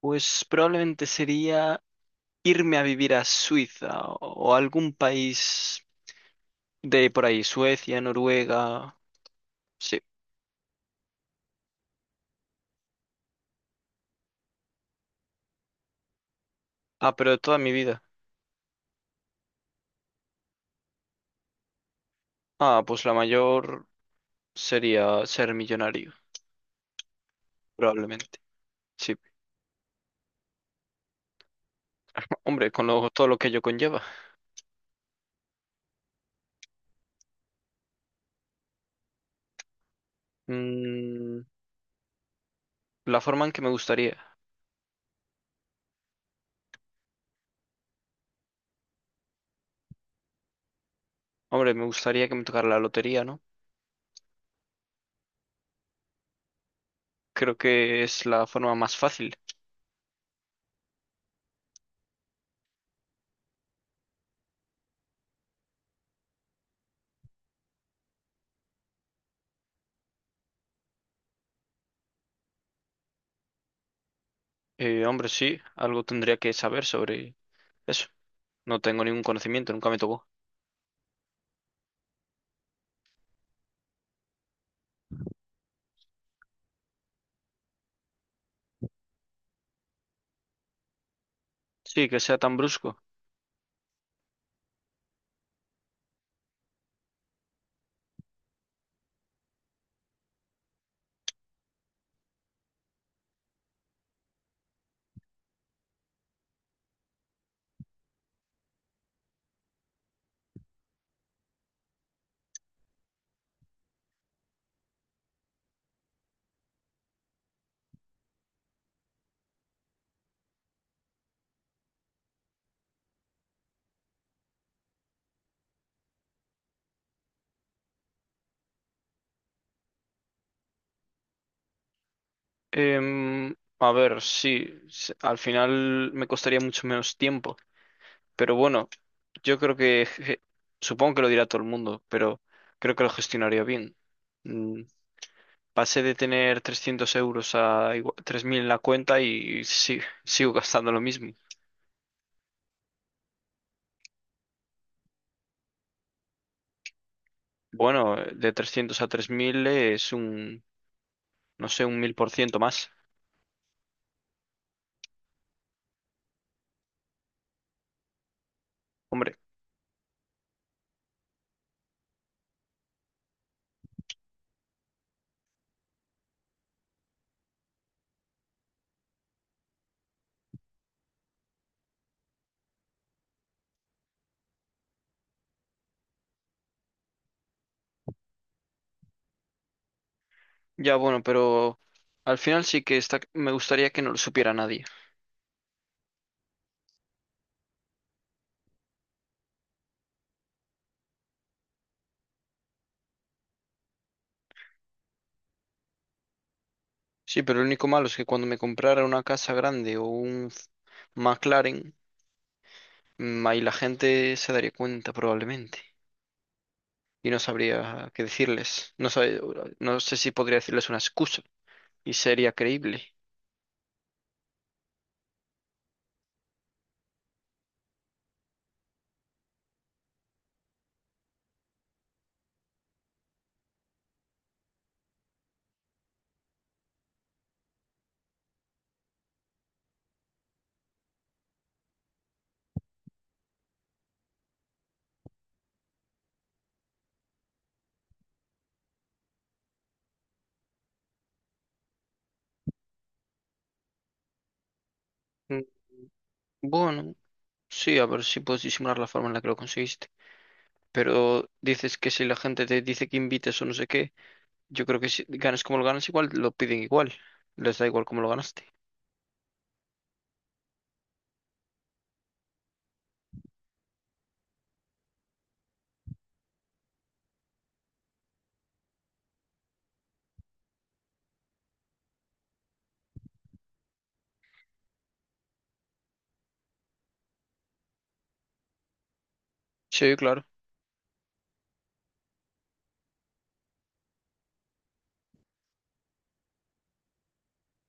Pues probablemente sería irme a vivir a Suiza o algún país de por ahí, Suecia, Noruega. Sí. Ah, pero toda mi vida. Ah, pues la mayor sería ser millonario, probablemente. Sí. Hombre, con lo- todo lo que ello conlleva. Mm, la forma en que me gustaría. Hombre, me gustaría que me tocara la lotería, ¿no? Creo que es la forma más fácil. Hombre, sí, algo tendría que saber sobre eso. No tengo ningún conocimiento, nunca me tocó. Sí, que sea tan brusco. Em, a ver, sí, s- al final me costaría mucho menos tiempo, pero bueno, yo creo que, je- supongo que lo dirá todo el mundo, pero creo que lo gestionaría bien. Mm. Pasé de tener 300 euros a igua- 3.000 en la cuenta y sí, sigo gastando lo mismo. Bueno, de 300 a 3.000 es un, no sé, un 1000% más. Hombre, ya bueno, pero al final sí que está, me gustaría que no lo supiera nadie. Sí, pero lo único malo es que cuando me comprara una casa grande o un F- McLaren, ahí la gente se daría cuenta probablemente y no sabría qué decirles. No sé, no sé si podría decirles una excusa y sería creíble. Mm, Bueno, sí, a ver si puedes disimular la forma en la que lo conseguiste. Pero dices que si la gente te dice que invites o no sé qué, yo creo que si ganas como lo ganas igual, lo piden igual. Les da igual cómo lo ganaste. Sí, claro.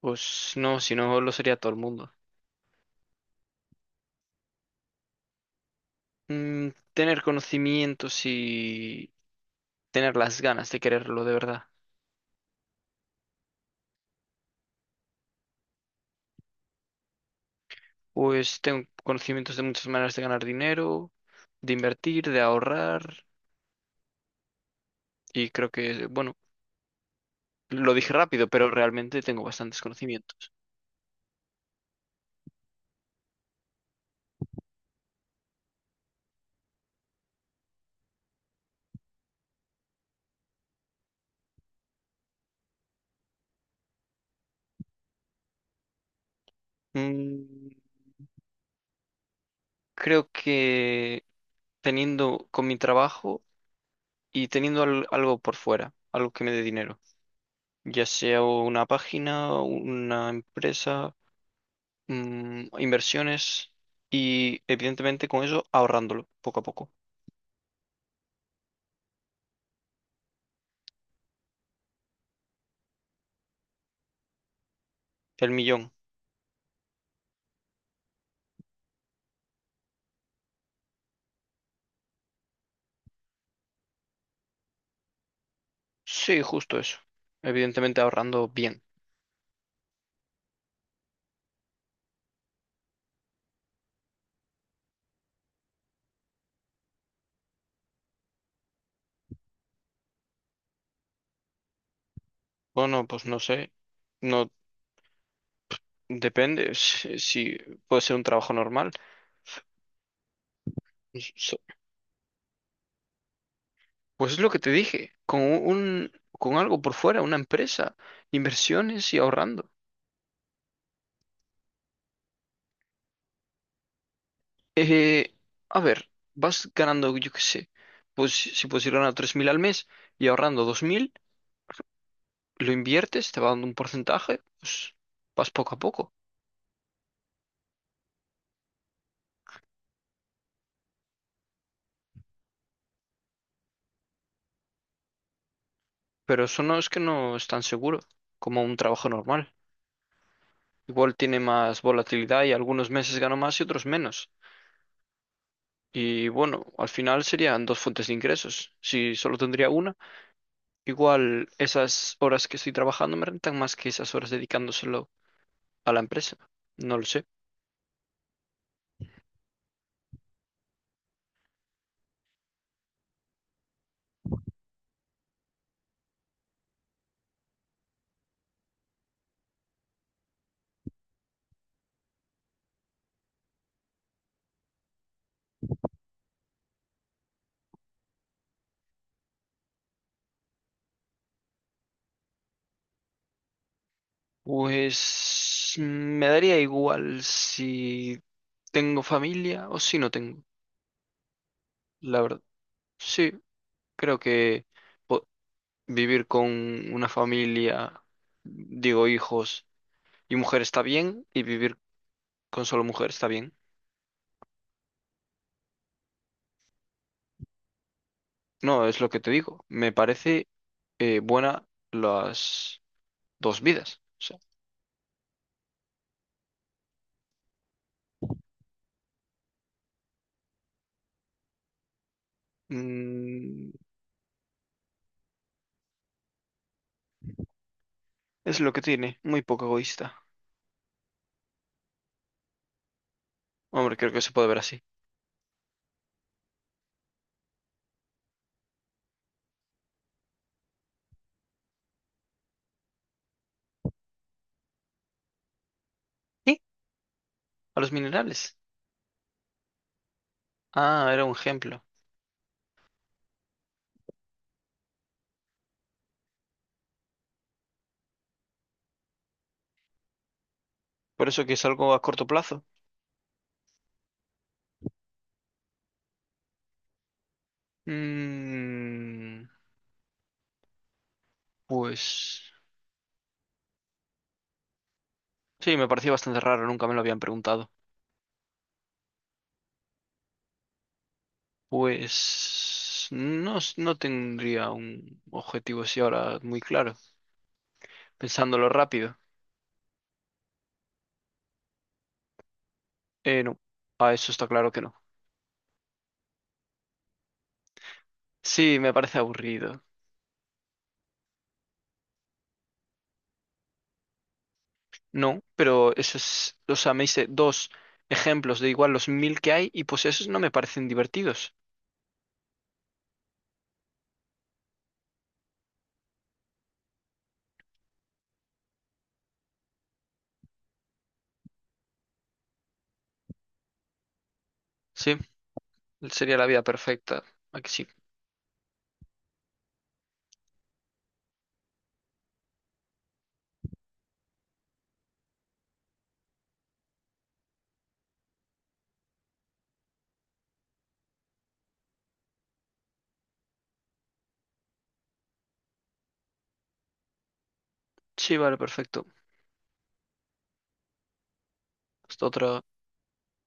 Pues no, si no lo sería todo el mundo. Tener conocimientos y tener las ganas de quererlo de verdad. Pues tengo conocimientos de muchas maneras de ganar dinero, de invertir, de ahorrar y creo que, bueno, lo dije rápido, pero realmente tengo bastantes conocimientos. Mm, creo que teniendo con mi trabajo y teniendo al- algo por fuera, algo que me dé dinero, ya sea una página, una empresa, inversiones y evidentemente con eso ahorrándolo poco a poco. El millón. Sí, justo eso. Evidentemente ahorrando bien. Bueno, pues no sé. No depende si, si puede ser un trabajo normal. S- So- Pues es lo que te dije, con un con algo por fuera, una empresa, inversiones y ahorrando. Eh, a ver, vas ganando, yo qué sé, pues si puedes ir ganando 3.000 al mes y ahorrando 2.000 lo inviertes, te va dando un porcentaje, pues vas poco a poco. Pero eso no es que no es tan seguro como un trabajo normal. Igual tiene más volatilidad y algunos meses gano más y otros menos. Y bueno, al final serían dos fuentes de ingresos. Si solo tendría una, igual esas horas que estoy trabajando me rentan más que esas horas dedicándoselo a la empresa. No lo sé. Pues me daría igual si tengo familia o si no tengo, la verdad. Sí. Creo que po- vivir con una familia, digo hijos y mujer está bien, y vivir con solo mujer está bien. No, es lo que te digo. Me parece buena las dos vidas. O sea, mm, es lo que tiene, muy poco egoísta. Hombre, creo que se puede ver así. ¿Y? A los minerales. Ah, era un ejemplo. Por eso que es algo a corto plazo. Mm, pues sí, me pareció bastante raro, nunca me lo habían preguntado. Pues no, s- no tendría un objetivo así ahora muy claro, pensándolo rápido. No, a eso está claro que no. Sí, me parece aburrido. No, pero eso es, o sea, me hice dos ejemplos de igual los mil que hay y pues esos no me parecen divertidos. Sí, sería la vida perfecta. Aquí sí. Sí, vale, perfecto. Hasta otra.